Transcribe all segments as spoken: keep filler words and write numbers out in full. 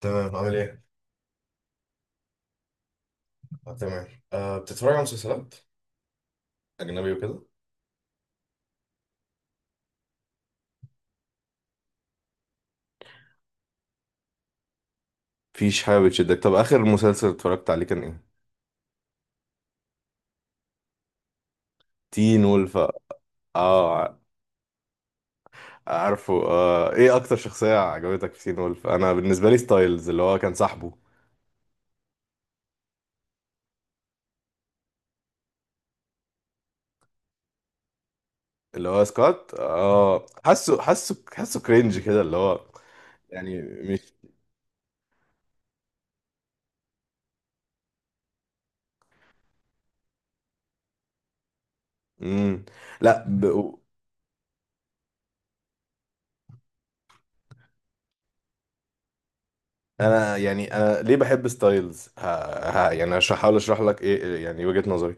تمام عامل ايه؟ آه، تمام. أه بتتفرج على مسلسلات أجنبي وكده؟ مفيش حاجة بتشدك، طب آخر مسلسل اتفرجت عليه كان ايه؟ تين وولف. اه ع- عارفه آه. ايه أكتر شخصية عجبتك في تين وولف؟ أنا بالنسبة لي ستايلز اللي هو كان صاحبه. اللي هو سكوت، اه حاسه حاسه حاسه كرينج كده، اللي هو يعني مش. مم. لا ب... أنا يعني، أنا ليه بحب ستايلز؟ ه... ه... يعني هش- هحاول أشرح لك ايه إيه يعني وجهة نظري.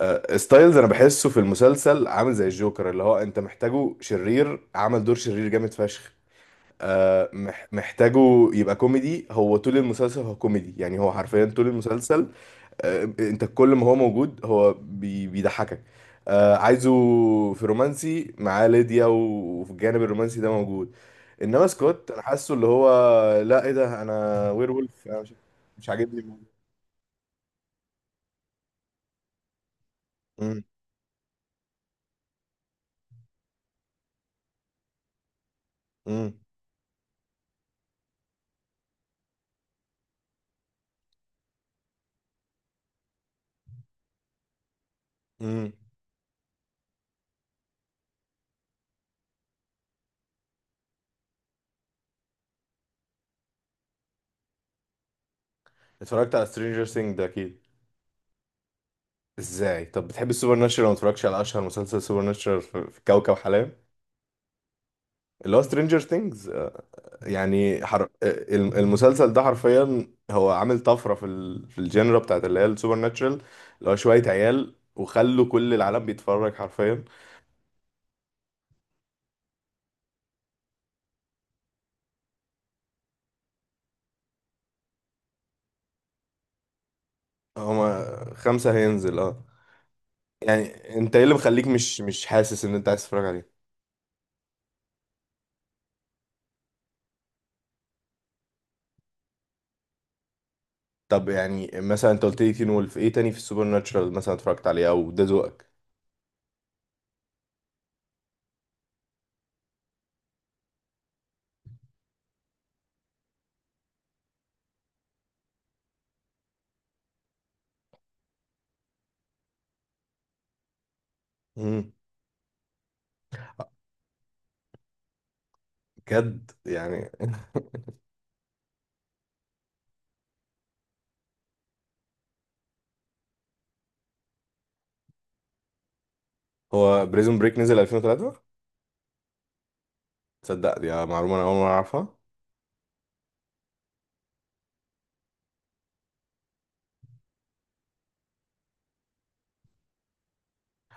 آه، ستايلز انا بحسه في المسلسل عامل زي الجوكر، اللي هو انت محتاجه شرير، عمل دور شرير جامد فشخ. آه، مح- محتاجه يبقى كوميدي، هو طول المسلسل هو كوميدي، يعني هو حرفيا طول المسلسل. آه، انت كل ما هو موجود هو بي- بيضحكك. آه، عايزه في رومانسي معاه ليديا، و- وفي الجانب الرومانسي ده موجود. انما سكوت انا حاسه اللي هو، لا ايه ده انا وير وولف، انا مش مش عاجبني الموضوع. مم، مم، مم. اتفرجت على سترينجر سينج ده اكيد؟ ازاي طب بتحب السوبر ناتشرال ما اتفرجتش على اشهر مسلسل سوبر ناتشرال في في كوكب حلال، اللي هو سترينجر ثينجز؟ يعني حر... آه، الم- المسلسل ده حرفيا هو عامل طفره في ال... في الجنرا بتاعت اللي هي السوبر ناتشرال، اللي هو شويه عيال وخلوا كل العالم بيتفرج حرفيا. هما خمسه هينزل اه. يعني انت ايه اللي مخليك مش مش حاسس ان انت عايز تتفرج عليه؟ طب يعني مثلا انت قلت لي تين وولف، ايه تاني في السوبر ناتشرال مثلا اتفرجت عليه او ده ذوقك؟ امم. بجد يعني؟ هو بريزون بريك نزل ألفين وثلاثة؟ تصدق دي معلومة انا اول مرة اعرفها.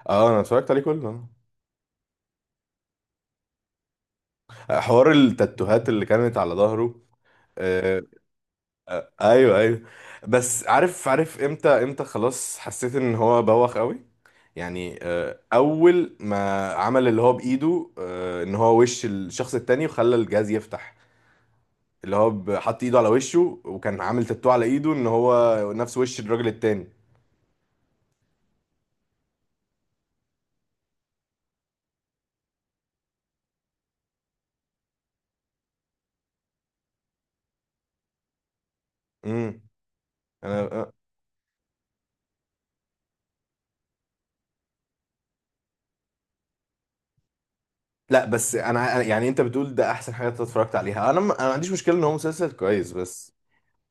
اه انا اتفرجت عليه كله. آه، حوار التاتوهات اللي كانت على ظهره. آه. ايوه ايوه. بس عارف عارف امتى امتى خلاص حسيت ان هو بوخ قوي؟ يعني آه، اول ما عمل اللي هو بايده، آه ان هو وش الشخص التاني وخلى الجهاز يفتح، اللي هو ب- حط ايده على وشه وكان عامل تاتو على ايده ان هو نفس وش الراجل التاني. امم. انا لا بس انا أنا- يعني انت بتقول ده احسن حاجه انت اتفرجت عليها، انا م- انا ما عنديش مشكله ان هو مسلسل كويس بس.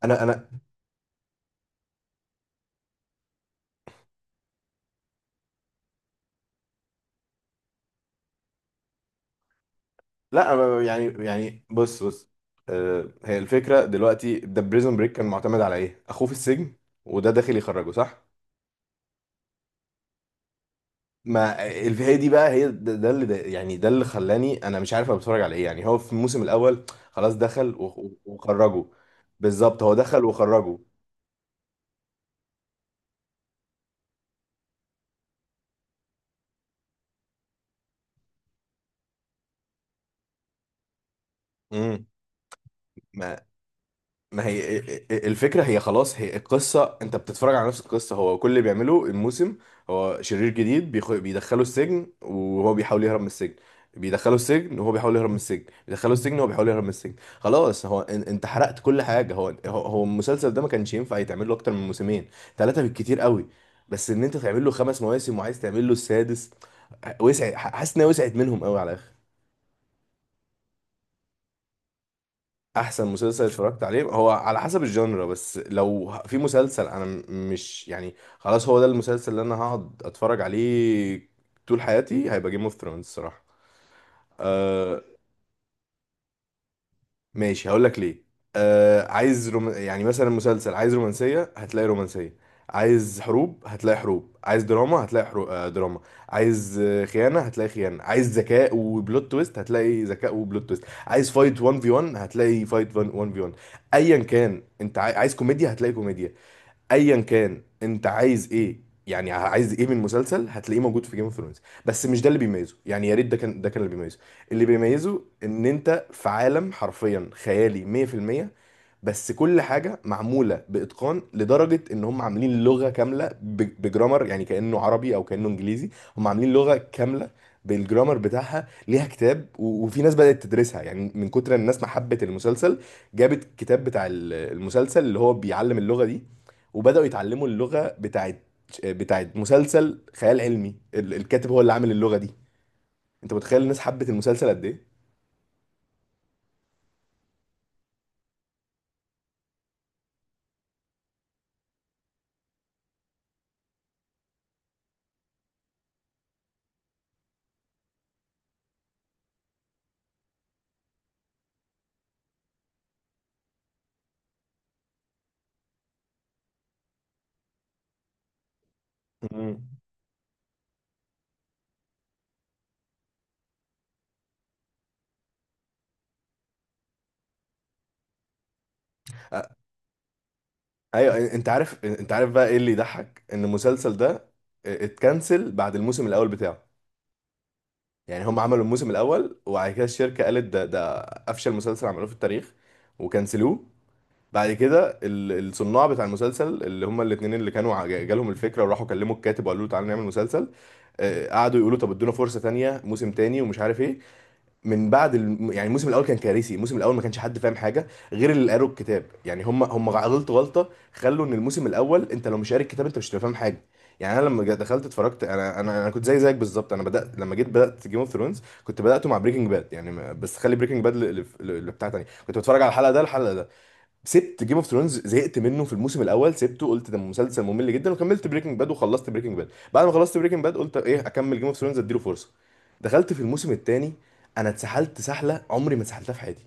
انا انا لا أنا يعني يعني بص بص. آه، هي الفكره دلوقتي ده بريزون بريك كان معتمد على ايه؟ اخوه في السجن وده داخل يخرجه صح؟ ما الفي دي بقى، هي ده, ده اللي ده يعني ده اللي خلاني انا مش عارف انا بتفرج على ايه، يعني هو في الموسم الاول خلاص دخل و- و- وخرجه. بالظبط، هو دخل وخرجه. امم. ما هي الفكرة هي خلاص، هي القصة، انت بتتفرج على نفس القصة، هو كل اللي بيعمله الموسم هو شرير جديد بيخ... بيدخله السجن وهو بيحاول يهرب من السجن، بيدخله السجن وهو بيحاول يهرب من السجن، بيدخله السجن وهو بيحاول يهرب من السجن. خلاص هو ان... انت حرقت كل حاجة، هو هو هو المسلسل ده ما كانش ينفع يتعمل له اكتر من موسمين، ثلاثة بالكتير قوي. بس ان انت تعمل له خمس مواسم وعايز تعمل له السادس، وسع، حاسس انها وسعت منهم قوي على الاخر. احسن مسلسل اتفرجت عليه هو على حسب الجانرا، بس لو ه- في مسلسل انا م- مش يعني خلاص هو ده المسلسل اللي انا هقعد اتفرج عليه طول حياتي، هيبقى جيم اوف ثرونز الصراحه. ماشي هقول لك ليه. آه، عايز روم... يعني مثلا مسلسل، عايز رومانسية هتلاقي رومانسية، عايز حروب هتلاقي حروب، عايز دراما هتلاقي حرو... آه دراما، عايز آه، خيانة هتلاقي خيانة، عايز ذكاء وبلوت تويست هتلاقي ذكاء وبلوت تويست، عايز فايت واحد في واحد هتلاقي فايت واحد في واحد، ايا كان انت عاي- عايز كوميديا هتلاقي كوميديا، ايا كان انت عايز ايه. يعني عايز ايه من مسلسل هتلاقيه موجود في جيم اوف ثرونز. بس مش ده اللي بيميزه، يعني يا ريت ده كان ده كان اللي بيميزه. اللي بيميزه ان انت في عالم حرفيا خيالي مية في المية، بس كل حاجه معموله باتقان لدرجه ان هم عاملين لغه كامله ب- بجرامر، يعني كانه عربي او كانه انجليزي، هم عاملين لغه كامله بالجرامر بتاعها، ليها كتاب، و- وفي ناس بدات تدرسها، يعني من كتر الناس ما حبت المسلسل جابت كتاب بتاع ال- المسلسل اللي هو بيعلم اللغه دي، وبداوا يتعلموا اللغه بتاعت بتاعت مسلسل خيال علمي، ال- الكاتب هو اللي عامل اللغه دي. انت متخيل الناس حبت المسلسل قد ايه؟ مم. ايوه، انت عارف انت عارف بقى ايه اللي يضحك؟ ان المسلسل ده اتكنسل بعد الموسم الاول بتاعه. يعني هم عملوا الموسم الاول وبعد كده الشركه قالت ده ده افشل مسلسل عملوه في التاريخ وكنسلوه. بعد كده ال- الصناع بتاع المسلسل اللي هم الاتنين اللي كانوا ع- جالهم الفكره وراحوا كلموا الكاتب وقالوا له تعالى نعمل مسلسل. آه، قعدوا يقولوا طب ادونا فرصه تانية موسم تاني ومش عارف ايه. من بعد الم... يعني الموسم الاول كان كارثي، الموسم الاول ما كانش حد فاهم حاجه غير اللي قروا الكتاب، يعني هم هم غلطت غلطه خلوا ان الموسم الاول انت لو مش قاري الكتاب انت مش هتبقى فاهم حاجه. يعني انا لما جا- دخلت اتفرجت، انا انا انا كنت زي زيك بالظبط، انا بدات لما جيت بدات جيم اوف ثرونز كنت بداته مع بريكنج باد، يعني ما- بس خلي بريكنج باد اللي بتاع تاني، كنت بتفرج على الحلقه ده الحلقه ده، سبت جيم اوف ثرونز زهقت منه في الموسم الاول، سبته قلت ده مسلسل ممل جدا وكملت بريكنج باد، وخلصت بريكنج باد، بعد ما خلصت بريكنج باد قلت ايه اكمل جيم اوف ثرونز اديله فرصه. دخلت في الموسم الثاني، انا اتسحلت سحله عمري ما اتسحلتها في حياتي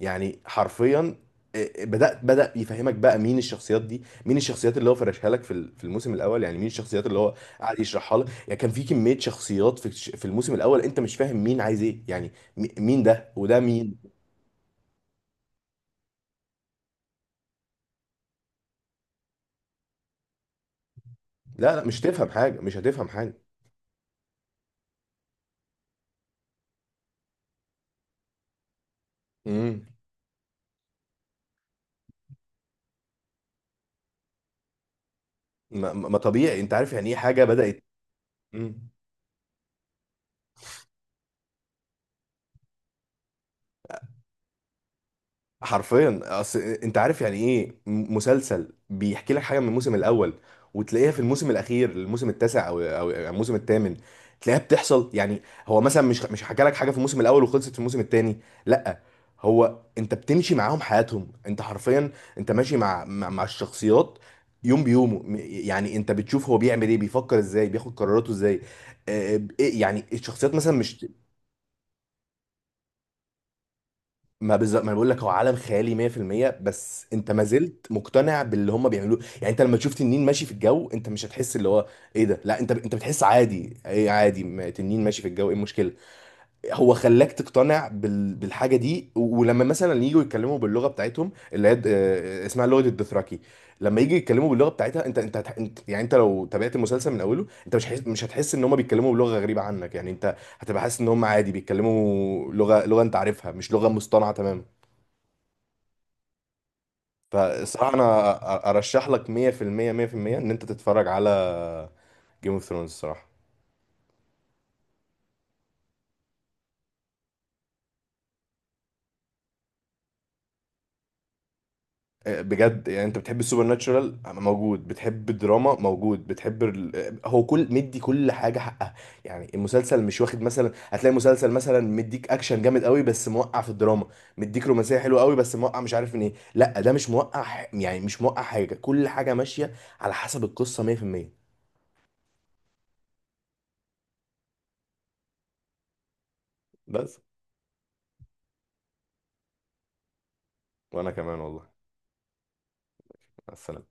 يعني حرفيا. إيه، بدات بدا يفهمك بقى مين الشخصيات دي، مين الشخصيات اللي هو فرشها لك في ال- في الموسم الاول، يعني مين الشخصيات اللي هو قاعد يشرحها لك. يعني كان في كميه شخصيات في في الموسم الاول انت مش فاهم مين عايز ايه، يعني مي- مين ده وده مين. لا لا مش تفهم حاجه، مش هتفهم حاجه. مم. ما, ما طبيعي، انت عارف يعني ايه حاجه بدات؟ مم. حرفيا، اصل انت عارف يعني ايه م- مسلسل بيحكي لك حاجه من الموسم الاول وتلاقيها في الموسم الاخير، الموسم التاسع او او يعني الموسم الثامن، تلاقيها بتحصل يعني. هو مثلا مش مش حكى لك حاجه في الموسم الاول وخلصت في الموسم الثاني، لا، هو انت بتمشي معاهم حياتهم انت حرفيا، انت ماشي مع مع, مع الشخصيات يوم بيومه، م- يعني انت بتشوف هو بيعمل ايه، بيفكر ازاي، بياخد قراراته ازاي. آه، إيه- يعني الشخصيات مثلا مش. ما بالظبط، ما انا بقول لك هو عالم خيالي مية في المية بس انت ما زلت مقتنع باللي هم بيعملوه، يعني انت لما تشوف تنين ماشي في الجو انت مش هتحس اللي هو ايه ده، لا انت انت بتحس عادي، ايه عادي، ما تنين ماشي في الجو ايه المشكله، هو خلاك تقتنع بال... بالحاجه دي. ولما مثلا يجوا يتكلموا باللغه بتاعتهم، اللي هي د- اه، اسمها لغه الدوثراكي، لما يجي يتكلموا باللغه بتاعتها، انت انت, هت- انت يعني انت لو تابعت المسلسل من اوله انت مش هتحس، مش هتحس ان هم بيتكلموا بلغه غريبه عنك، يعني انت هتبقى حاسس ان هم عادي بيتكلموا لغه، لغه انت عارفها، مش لغه مصطنعه تماما. فالصراحة أنا أ- أرشح لك مية في المية مية في المية إن أنت تتفرج على جيم اوف ثرونز الصراحة. أه، بجد يعني، أنت بتحب السوبر ناتشورال موجود، بتحب الدراما موجود، بتحب ال... هو كل مدي كل حاجة حقها. يعني المسلسل مش واخد مثلا، هتلاقي مسلسل مثلا مديك أكشن جامد قوي بس موقع في الدراما، مديك رومانسية حلوة قوي بس موقع مش عارف من إيه، لا ده مش موقع ح- يعني مش موقع حاجة، كل حاجة ماشية على حسب القصة مية في المية. بس. وأنا كمان والله. مع السلامة.